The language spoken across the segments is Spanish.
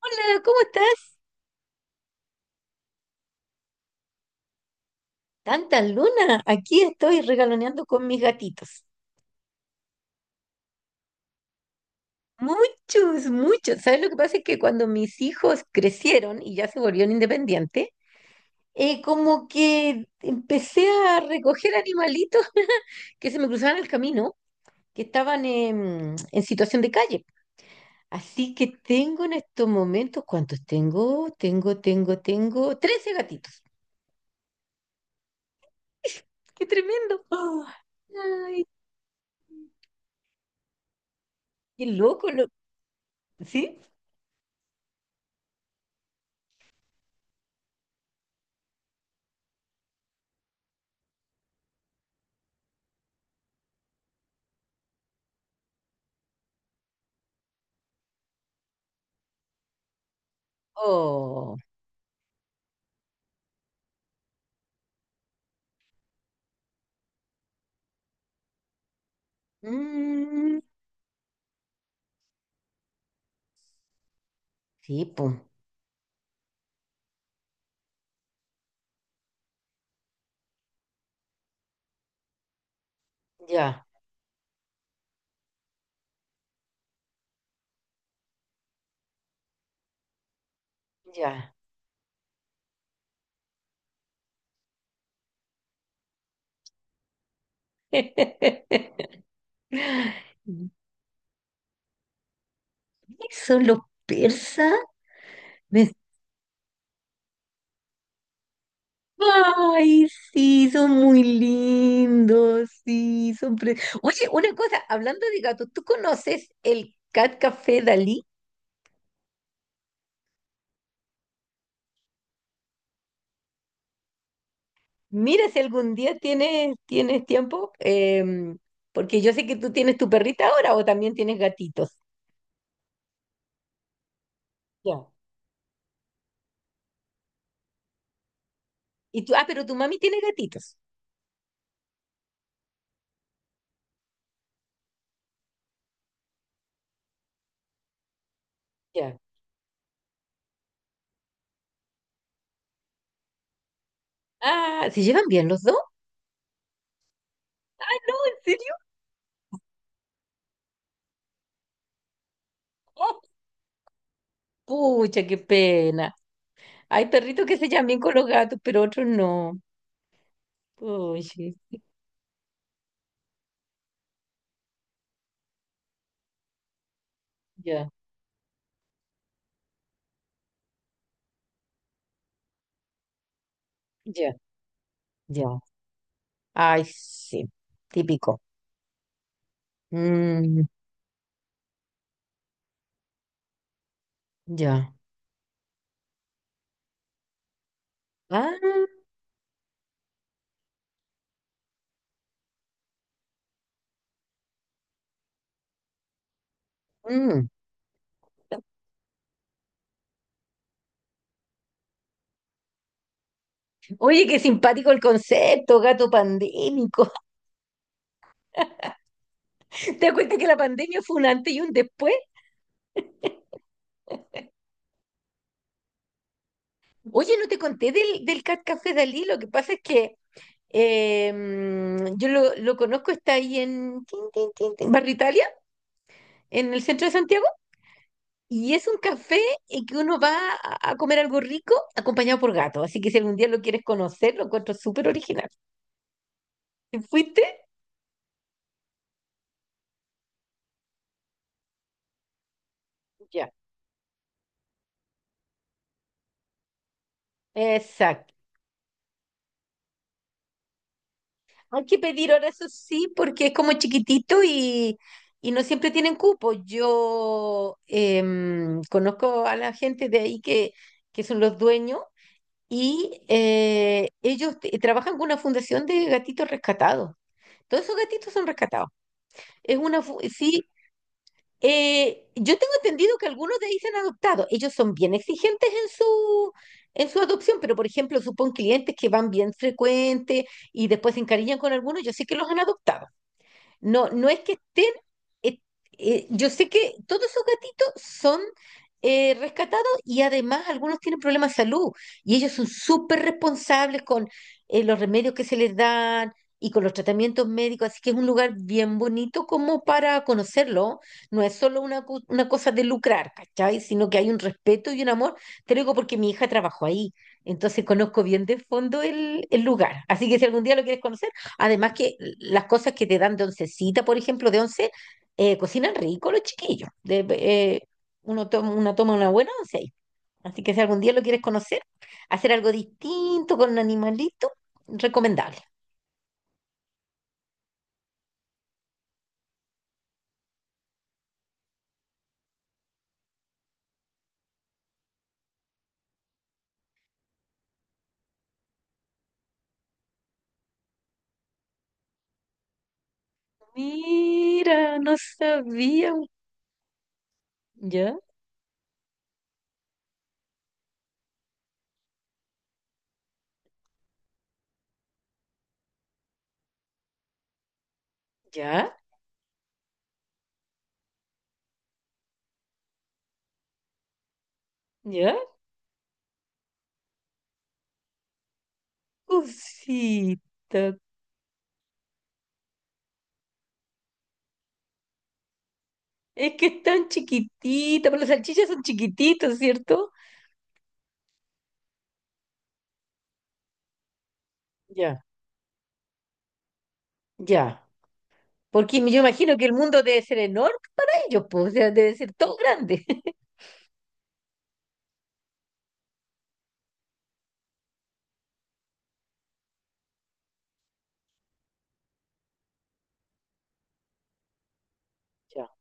Hola, ¿cómo estás? Tanta luna. Aquí estoy regaloneando con mis gatitos. Muchos, muchos. ¿Sabes lo que pasa? Es que cuando mis hijos crecieron y ya se volvieron independientes, como que empecé a recoger animalitos que se me cruzaban el camino, que estaban en situación de calle. Así que tengo en estos momentos, ¿cuántos tengo? Tengo 13 gatitos. ¡Qué tremendo! ¡Ah! ¡Ay, qué loco! ¿Sí? Oh. Mm, sí, pues, ya, ya. Son los persas. Me- Ay, sí, son muy lindos, sí, Oye, una cosa, hablando de gatos, ¿tú conoces el Cat Café Dalí? Mira si algún día tienes tiempo, porque yo sé que tú tienes tu perrita ahora o también tienes gatitos. Ya. Y tú, ah, pero tu mami tiene gatitos. Ya. Ah, ¿se llevan bien los dos? ¿En serio? Pucha, qué pena. Hay perritos que se llevan bien con los gatos, pero otros no. Pucha, ya, ya, ya. Ay, sí, típico. Mm, ya. Ah, mm. Oye, qué simpático el concepto, gato pandémico. ¿Te das cuenta que la pandemia fue un antes y un después? Oye, no te conté del Cat Café Dalí, lo que pasa es que yo lo conozco, está ahí en tin, tin, tin, tin, Barrio Italia, en el centro de Santiago. Y es un café en que uno va a comer algo rico acompañado por gato. Así que si algún día lo quieres conocer, lo encuentro súper original. ¿Te fuiste? Ya. Exacto. Hay que pedir ahora, eso sí, porque es como chiquitito y no siempre tienen cupo. Yo conozco a la gente de ahí que son los dueños y ellos trabajan con una fundación de gatitos rescatados. Todos esos gatitos son rescatados. Es una, sí. Yo tengo entendido que algunos de ahí se han adoptado. Ellos son bien exigentes en su adopción, pero por ejemplo, supón clientes que van bien frecuentes y después se encariñan con algunos, yo sé que los han adoptado. No, no es que estén, eh, yo sé que todos esos gatitos son rescatados y además algunos tienen problemas de salud y ellos son súper responsables con los remedios que se les dan y con los tratamientos médicos, así que es un lugar bien bonito como para conocerlo, no es solo una, una cosa de lucrar, ¿cachai? Sino que hay un respeto y un amor, te lo digo porque mi hija trabajó ahí, entonces conozco bien de fondo el lugar, así que si algún día lo quieres conocer. Además que las cosas que te dan de oncecita, por ejemplo, de once, cocinan rico los chiquillos. Uno toma una buena once ahí. Así que si algún día lo quieres conocer, hacer algo distinto con un animalito, recomendable. Mira, no sabía. Ya, ¿ya? Ya, cosita. Es que están chiquititas, pero las salchichas son chiquititas, ¿cierto? Ya, ya. Porque yo imagino que el mundo debe ser enorme para ellos, pues, o sea, debe ser todo grande. Ya.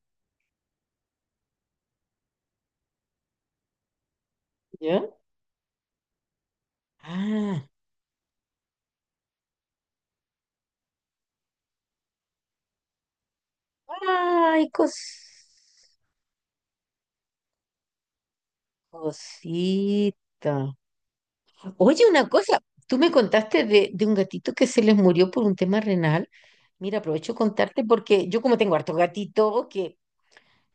¿Ya? Ah, ay, cosita. Oye, una cosa, tú me contaste de un gatito que se les murió por un tema renal. Mira, aprovecho de contarte porque yo como tengo harto gatito, que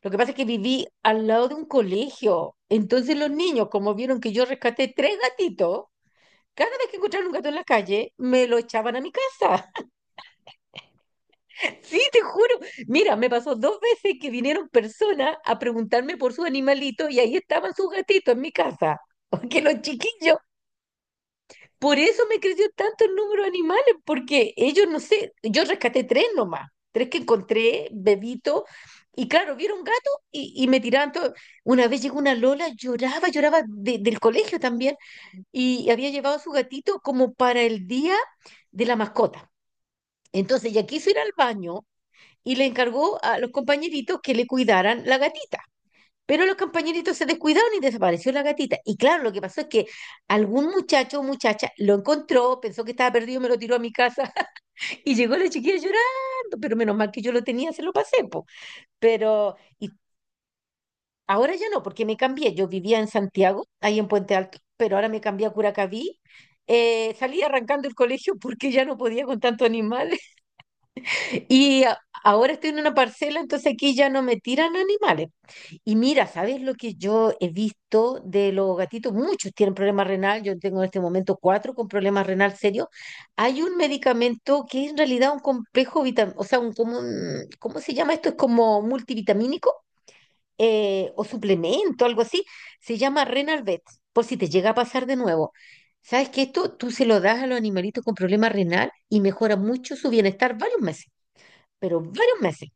lo que pasa es que viví al lado de un colegio. Entonces los niños, como vieron que yo rescaté tres gatitos, cada vez que encontraron un gato en la calle, me lo echaban a mi casa. Sí, te juro. Mira, me pasó dos veces que vinieron personas a preguntarme por sus animalitos y ahí estaban sus gatitos en mi casa. Porque los chiquillos, por eso me creció tanto el número de animales, porque ellos, no sé, yo rescaté tres nomás, tres que encontré, bebito, y claro, vieron gato y me tiraban todo. Una vez llegó una Lola, lloraba, lloraba del colegio también, y había llevado a su gatito como para el día de la mascota. Entonces ya quiso ir al baño y le encargó a los compañeritos que le cuidaran la gatita. Pero los compañeritos se descuidaron y desapareció la gatita. Y claro, lo que pasó es que algún muchacho o muchacha lo encontró, pensó que estaba perdido, me lo tiró a mi casa y llegó la chiquilla llorando, pero menos mal que yo lo tenía, se lo pasé, po. Pero y ahora ya no, porque me cambié. Yo vivía en Santiago, ahí en Puente Alto, pero ahora me cambié a Curacaví. Salí arrancando el colegio porque ya no podía con tantos animales y a- ahora estoy en una parcela, entonces aquí ya no me tiran animales. Y mira, ¿sabes lo que yo he visto de los gatitos? Muchos tienen problemas renal, yo tengo en este momento cuatro con problemas renal serios. Hay un medicamento que es en realidad un complejo vitamínico, o sea, un, ¿cómo se llama esto? Es como multivitamínico o suplemento, algo así. Se llama Renalvet, por si te llega a pasar de nuevo. ¿Sabes que esto tú se lo das a los animalitos con problemas renal y mejora mucho su bienestar varios meses, pero varios meses?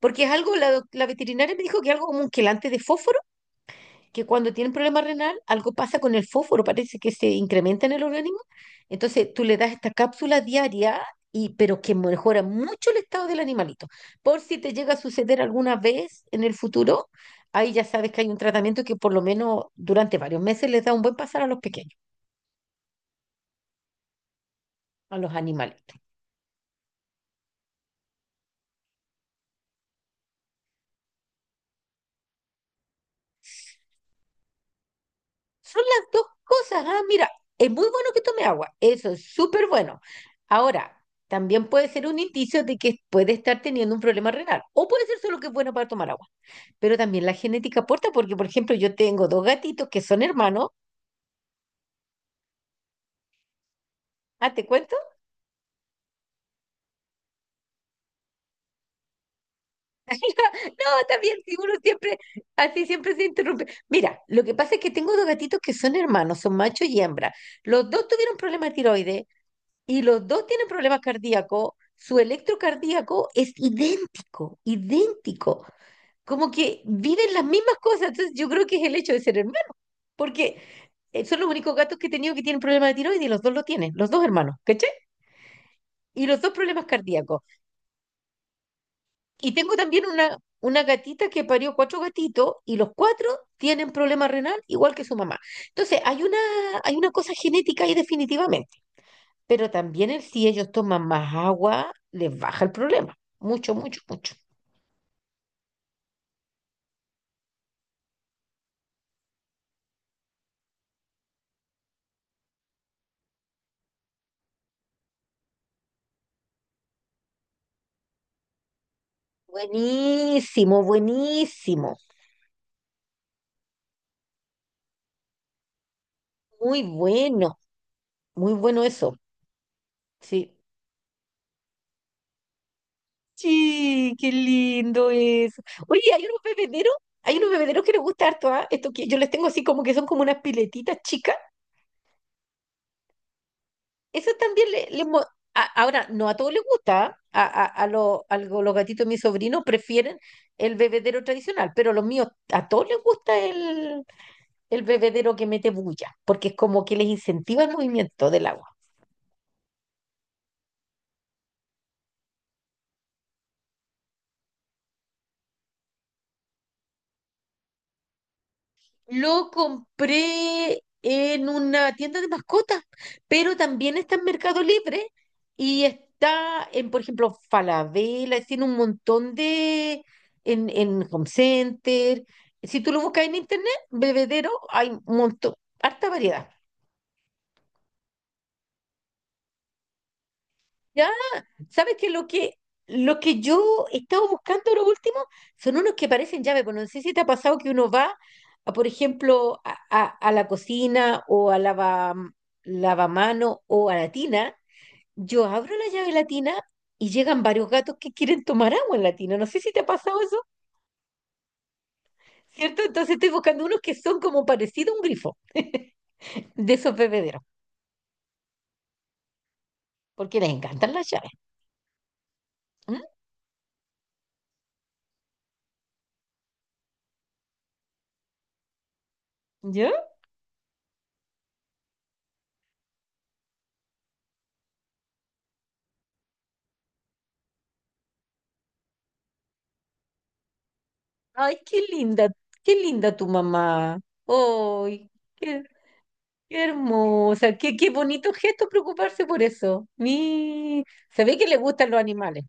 Porque es algo, la veterinaria me dijo que es algo como un quelante de fósforo que cuando tienen problema renal, algo pasa con el fósforo, parece que se incrementa en el organismo. Entonces tú le das esta cápsula diaria, y, pero que mejora mucho el estado del animalito. Por si te llega a suceder alguna vez en el futuro, ahí ya sabes que hay un tratamiento que por lo menos durante varios meses les da un buen pasar a los pequeños, a los animalitos. Son las dos cosas. Ah, mira, es muy bueno que tome agua, eso es súper bueno. Ahora, también puede ser un indicio de que puede estar teniendo un problema renal, o puede ser solo que es bueno para tomar agua. Pero también la genética aporta, porque por ejemplo yo tengo dos gatitos que son hermanos. Ah, ¿te cuento? No, también, si uno siempre, así siempre se interrumpe. Mira, lo que pasa es que tengo dos gatitos que son hermanos, son macho y hembra. Los dos tuvieron problemas de tiroides y los dos tienen problemas cardíacos. Su electrocardíaco es idéntico, idéntico. Como que viven las mismas cosas. Entonces yo creo que es el hecho de ser hermano porque son los únicos gatos que he tenido que tienen problemas de tiroides y los dos lo tienen, los dos hermanos. ¿Cachai? Y los dos problemas cardíacos. Y tengo también una gatita que parió cuatro gatitos y los cuatro tienen problema renal igual que su mamá. Entonces, hay una cosa genética ahí definitivamente, pero también el si ellos toman más agua, les baja el problema. Mucho, mucho, mucho. Buenísimo, buenísimo. Muy bueno, muy bueno eso. Sí. Sí, qué lindo eso. Oye, hay unos bebederos que les gusta harto, ¿ah? Esto que yo les tengo así como que son como unas piletitas chicas. Eso también ahora, no a todos les gusta, ¿ah? Los gatitos de mis sobrinos prefieren el bebedero tradicional, pero los míos, a todos les gusta el bebedero que mete bulla, porque es como que les incentiva el movimiento del agua. Lo compré en una tienda de mascotas, pero también está en Mercado Libre y está en, por ejemplo, Falabella, tiene un montón de, en Home Center. Si tú lo buscas en internet, bebedero, hay un montón, harta variedad. ¿Ya? ¿Sabes qué? Lo que yo estaba buscando lo último son unos que parecen llave, pero no sé si te ha pasado que uno va, a, por ejemplo, a la cocina o lavamano o a la tina. Yo abro la llave latina y llegan varios gatos que quieren tomar agua en la tina. No sé si te ha pasado eso, ¿cierto? Entonces estoy buscando unos que son como parecido a un grifo de esos bebederos, porque les encantan las llaves. ¿Mm? ¿Ya? Ay, qué linda tu mamá. Ay, qué, qué hermosa, qué, qué bonito gesto preocuparse por eso. Mi, se ve que le gustan los animales.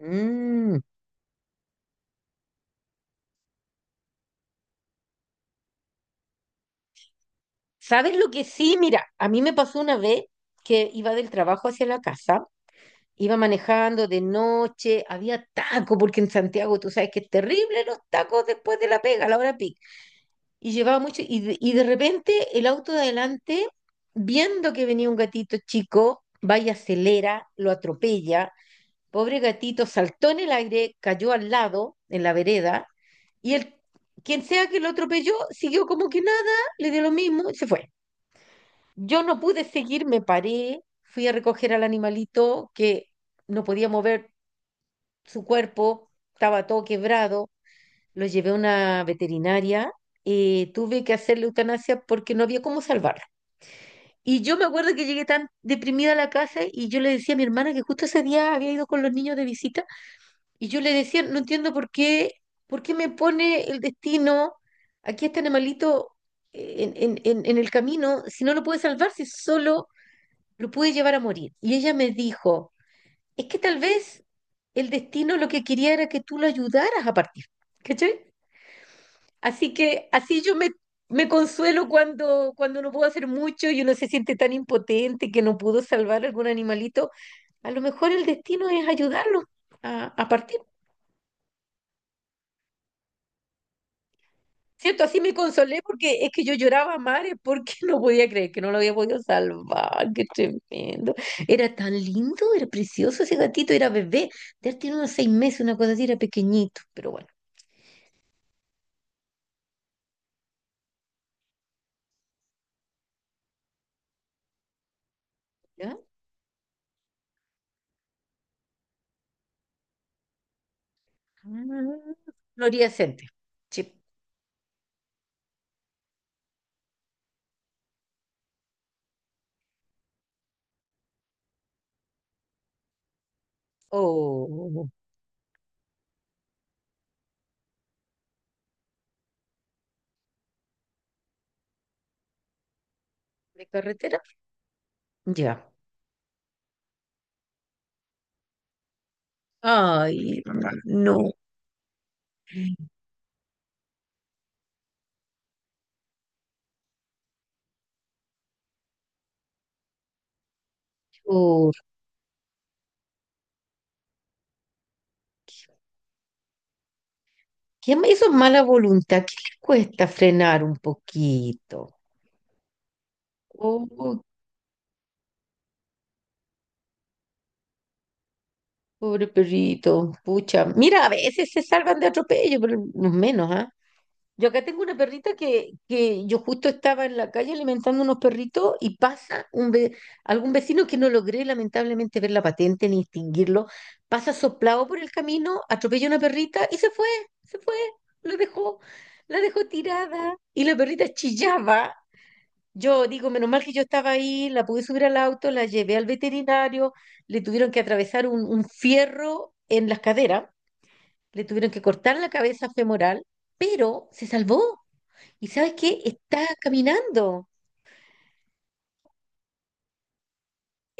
Mm, ¿sabes lo que sí? Mira, a mí me pasó una vez que iba del trabajo hacia la casa, iba manejando de noche, había taco, porque en Santiago tú sabes que es terrible los tacos después de la pega, a la hora pico y llevaba mucho, y de repente el auto de adelante, viendo que venía un gatito chico, va y acelera, lo atropella, pobre gatito saltó en el aire, cayó al lado, en la vereda, y el, quien sea que lo atropelló, siguió como que nada, le dio lo mismo y se fue. Yo no pude seguir, me paré, fui a recoger al animalito que no podía mover su cuerpo, estaba todo quebrado. Lo llevé a una veterinaria y tuve que hacerle eutanasia porque no había cómo salvarlo. Y yo me acuerdo que llegué tan deprimida a la casa y yo le decía a mi hermana que justo ese día había ido con los niños de visita. Y yo le decía, no entiendo por qué me pone el destino aquí a este animalito en el camino si no lo puede salvar, si solo lo puede llevar a morir. Y ella me dijo, es que tal vez el destino lo que quería era que tú lo ayudaras a partir. ¿Cachai? Así que así yo me consuelo cuando no puedo hacer mucho y uno se siente tan impotente que no pudo salvar algún animalito. A lo mejor el destino es ayudarlo a partir. ¿Cierto? Así me consolé porque es que yo lloraba a mares porque no podía creer que no lo había podido salvar. Qué tremendo. Era tan lindo, era precioso ese gatito, era bebé. Ya tiene unos 6 meses, una cosa así, era pequeñito, pero bueno. ¿Ya? Ah, Florida Center. Sí. Oh, de carretera. Ya. Ay, ¿verdad? No. Oh. ¿Qué me hizo mala voluntad? ¿Qué le cuesta frenar un poquito? Oh, pobre perrito. Pucha. Mira, a veces se salvan de atropello, pero los menos, ¿ah? Yo acá tengo una perrita que yo justo estaba en la calle alimentando unos perritos y algún vecino que no logré lamentablemente ver la patente ni distinguirlo, pasa soplado por el camino, atropella una perrita y se fue, la dejó, la dejó tirada y la perrita chillaba. Yo digo, menos mal que yo estaba ahí, la pude subir al auto, la llevé al veterinario, le tuvieron que atravesar un fierro en las caderas, le tuvieron que cortar la cabeza femoral, pero se salvó. ¿Y sabes qué? Está caminando.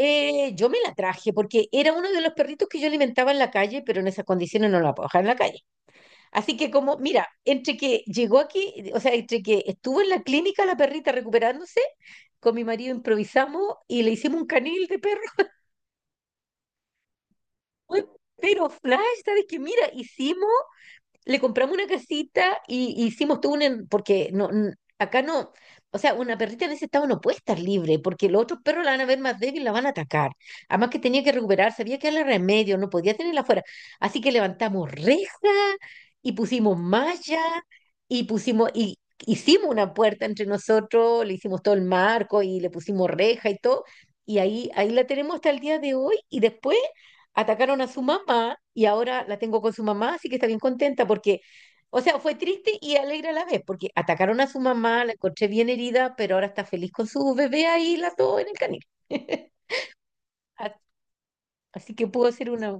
Yo me la traje porque era uno de los perritos que yo alimentaba en la calle, pero en esas condiciones no la puedo dejar en la calle. Así que como, mira, entre que llegó aquí, o sea, entre que estuvo en la clínica la perrita recuperándose, con mi marido improvisamos y le hicimos un canil de perro. Fue Pero Flash, ¿sabes qué? Mira, hicimos le compramos una casita y hicimos todo porque no, acá no, o sea, una perrita en ese estado no puede estar libre, porque los otros perros la van a ver más débil, y la van a atacar. Además que tenía que recuperarse, había que darle remedio, no podía tenerla afuera. Así que levantamos reja y pusimos malla y hicimos una puerta entre nosotros, le hicimos todo el marco y le pusimos reja y todo. Y ahí la tenemos hasta el día de hoy y después atacaron a su mamá y ahora la tengo con su mamá, así que está bien contenta porque, o sea, fue triste y alegre a la vez, porque atacaron a su mamá, la encontré bien herida, pero ahora está feliz con su bebé ahí, las dos en el canil. A- Así que pudo ser una.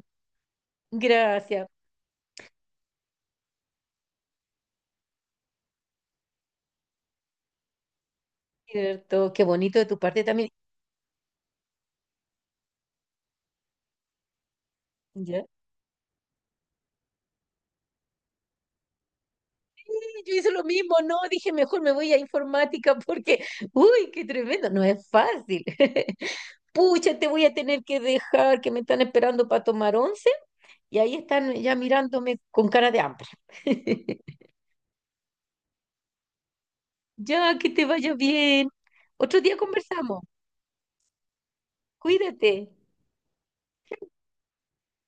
Gracias, cierto, qué bonito de tu parte también. ¿Ya? Yo hice lo mismo, no, dije mejor me voy a informática porque, uy, qué tremendo, no es fácil. Pucha, te voy a tener que dejar, que me están esperando para tomar once. Y ahí están ya mirándome con cara de hambre. Ya, que te vaya bien. Otro día conversamos. Cuídate.